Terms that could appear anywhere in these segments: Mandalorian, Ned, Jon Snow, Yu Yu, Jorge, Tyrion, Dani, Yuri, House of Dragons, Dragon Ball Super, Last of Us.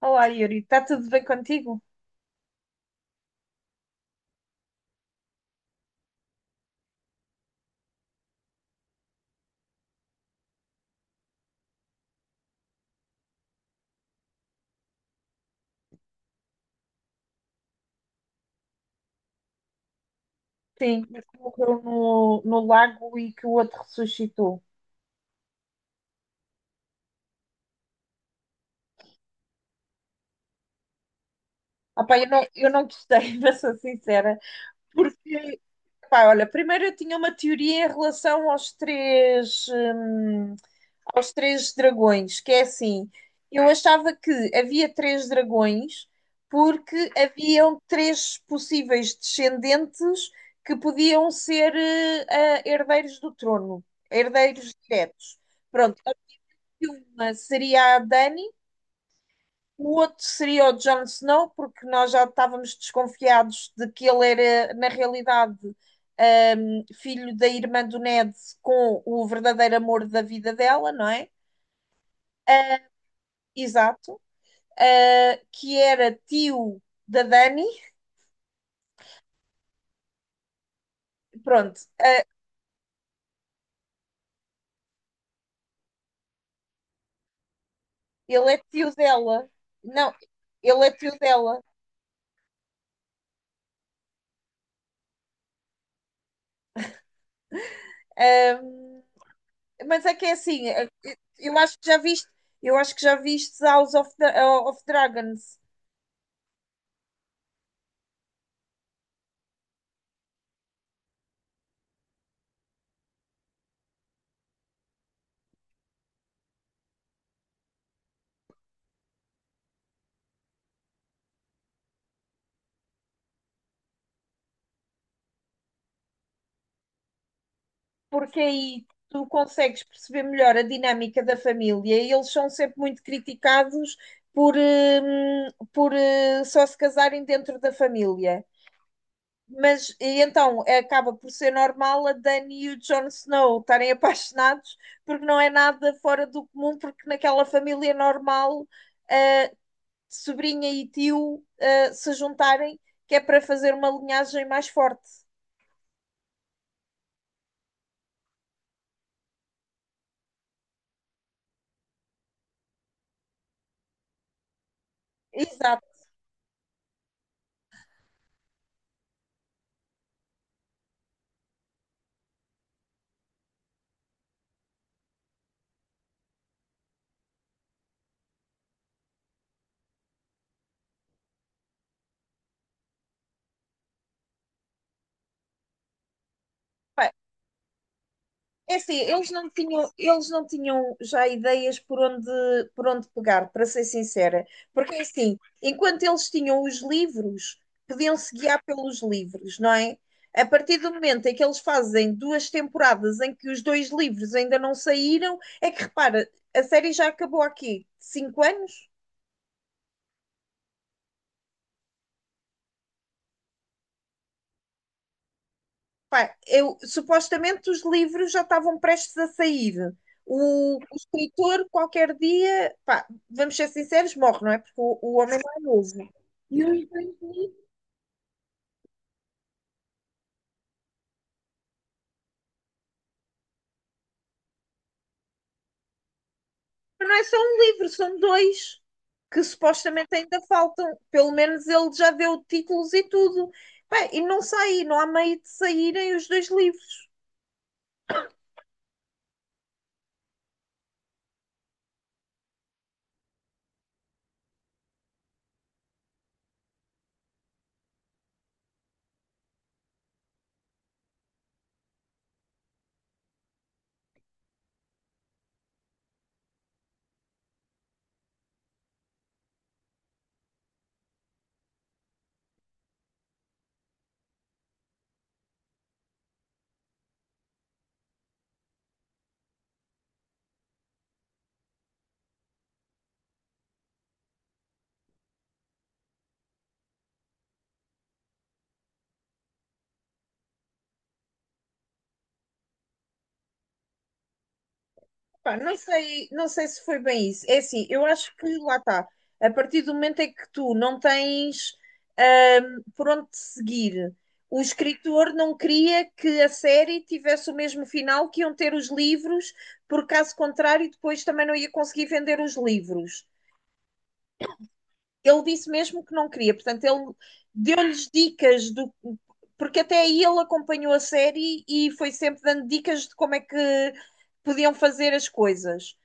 Olá, Yuri, está tudo bem contigo? Sim, mas que morreu no lago e que o outro ressuscitou. Ah, pá, eu não gostei, mas sou sincera, porque, pá, olha, primeiro eu tinha uma teoria em relação aos 3, aos 3 dragões, que é assim, eu achava que havia 3 dragões porque haviam 3 possíveis descendentes que podiam ser, herdeiros do trono, herdeiros diretos. Pronto, uma seria a Dani, o outro seria o Jon Snow, porque nós já estávamos desconfiados de que ele era, na realidade, um filho da irmã do Ned com o verdadeiro amor da vida dela, não é? Exato. Que era tio da Dani. Pronto, ele é tio dela. Não, ele é tio dela. Um, mas é que é assim, eu acho que já viste, eu acho que já viste House of, of Dragons. Porque aí tu consegues perceber melhor a dinâmica da família e eles são sempre muito criticados por só se casarem dentro da família. Mas e então acaba por ser normal a Dani e o Jon Snow estarem apaixonados, porque não é nada fora do comum, porque naquela família normal, eh, sobrinha e tio, se juntarem, que é para fazer uma linhagem mais forte. Exato. É assim, eles não tinham já ideias por onde pegar, para ser sincera. Porque é assim, enquanto eles tinham os livros, podiam-se guiar pelos livros, não é? A partir do momento em que eles fazem duas temporadas em que os dois livros ainda não saíram, é que repara, a série já acabou aqui, 5 anos? Pá, eu, supostamente os livros já estavam prestes a sair. O escritor, qualquer dia, pá, vamos ser sinceros, morre, não é? Porque o homem não é novo. E o- não é só um livro, são dois que supostamente ainda faltam. Pelo menos ele já deu títulos e tudo. Pá, e não sai, não há meio de saírem os dois livros. Pá, não sei, não sei se foi bem isso. É assim, eu acho que lá está. A partir do momento em que tu não tens por onde te seguir, o escritor não queria que a série tivesse o mesmo final que iam ter os livros, porque caso contrário, depois também não ia conseguir vender os livros. Ele disse mesmo que não queria, portanto, ele deu-lhes dicas do. Porque até aí ele acompanhou a série e foi sempre dando dicas de como é que podiam fazer as coisas.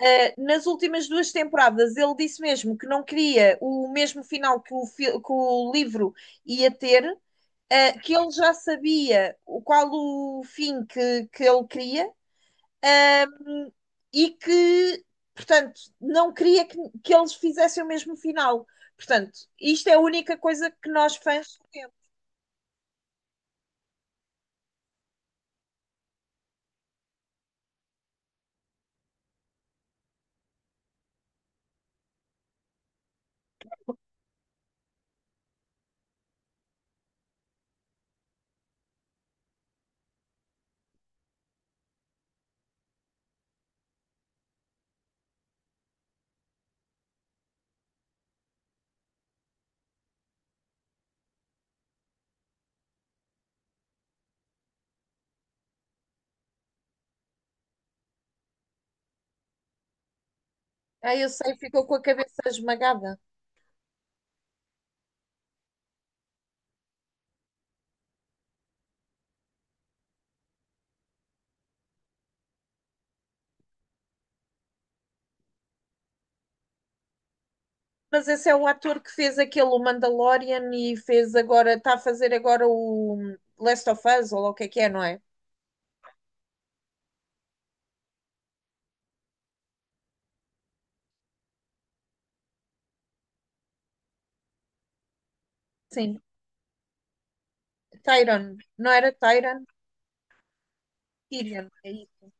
Nas últimas duas temporadas, ele disse mesmo que não queria o mesmo final que que o livro ia ter, que ele já sabia qual o fim que ele queria, um, e que, portanto, não queria que eles fizessem o mesmo final. Portanto, isto é a única coisa que nós fãs sabemos. Ah, eu sei, ficou com a cabeça esmagada. Mas esse é o ator que fez aquele o Mandalorian e fez agora, está a fazer agora o Last of Us, ou lá o que é, não é? Sim, Tyron. Não era Tyron? Tyrion. É isso.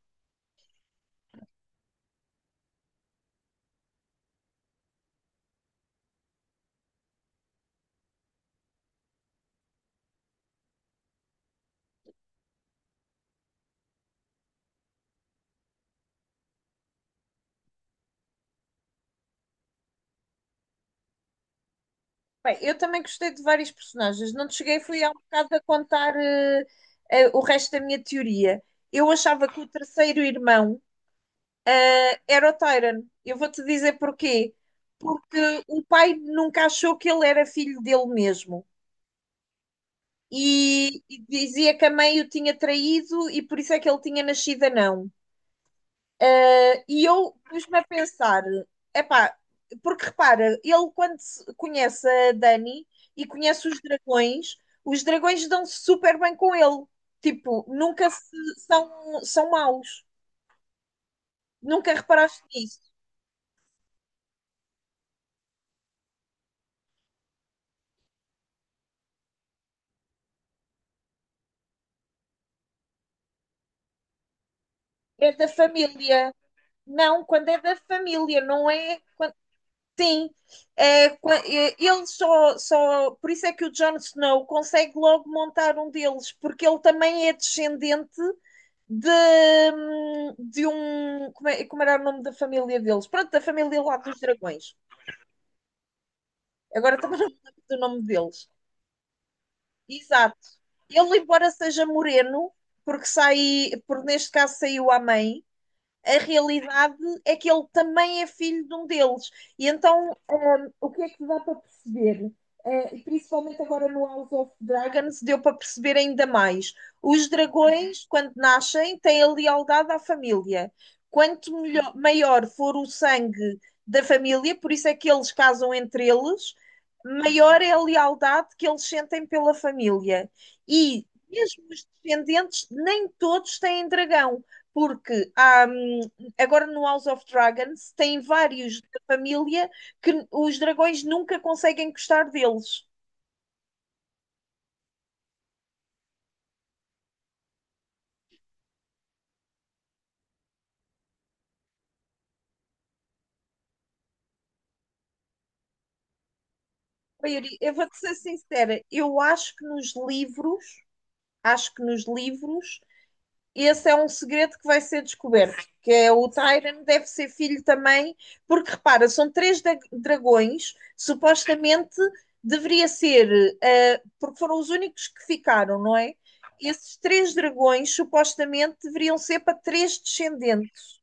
Bem, eu também gostei de vários personagens. Não te cheguei, fui há um bocado a contar o resto da minha teoria. Eu achava que o terceiro irmão era o Tyron. Eu vou-te dizer porquê. Porque o pai nunca achou que ele era filho dele mesmo. E dizia que a mãe o tinha traído e por isso é que ele tinha nascido anão. E eu pus-me a pensar, epá, porque repara, ele quando conhece a Dani e conhece os dragões dão-se super bem com ele. Tipo, nunca são, são maus. Nunca reparaste nisso. É da família. Não, quando é da família, não é. Sim, é, é, ele só. Por isso é que o Jon Snow consegue logo montar um deles, porque ele também é descendente de, de um. Como, como era o nome da família deles? Pronto, da família lá dos dragões. Agora também não me lembro do nome deles. Exato. Ele, embora seja moreno, porque sai, porque neste caso saiu à mãe, a realidade é que ele também é filho de um deles. E então o que é que dá para perceber? Principalmente agora no House of Dragons, deu para perceber ainda mais. Os dragões, quando nascem, têm a lealdade à família. Quanto melhor, maior for o sangue da família, por isso é que eles casam entre eles, maior é a lealdade que eles sentem pela família. E mesmo os descendentes, nem todos têm dragão, porque há, agora no House of Dragons tem vários da família que os dragões nunca conseguem gostar deles. Bem, Yuri, eu vou-te ser sincera, eu acho que nos livros, acho que nos livros, esse é um segredo que vai ser descoberto, que é o Tyrion deve ser filho também, porque repara, são 3 dragões, supostamente deveria ser, porque foram os únicos que ficaram, não é? Esses 3 dragões supostamente deveriam ser para 3 descendentes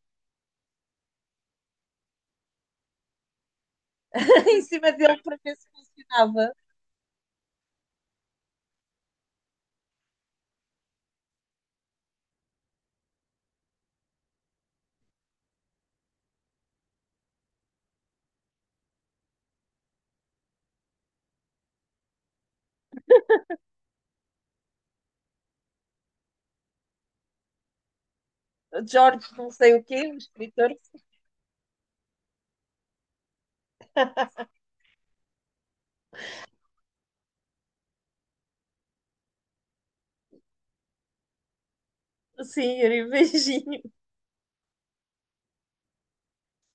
em cima dele para ver se funcionava. Jorge não sei o quê, um escritor. Sim, era beijinho.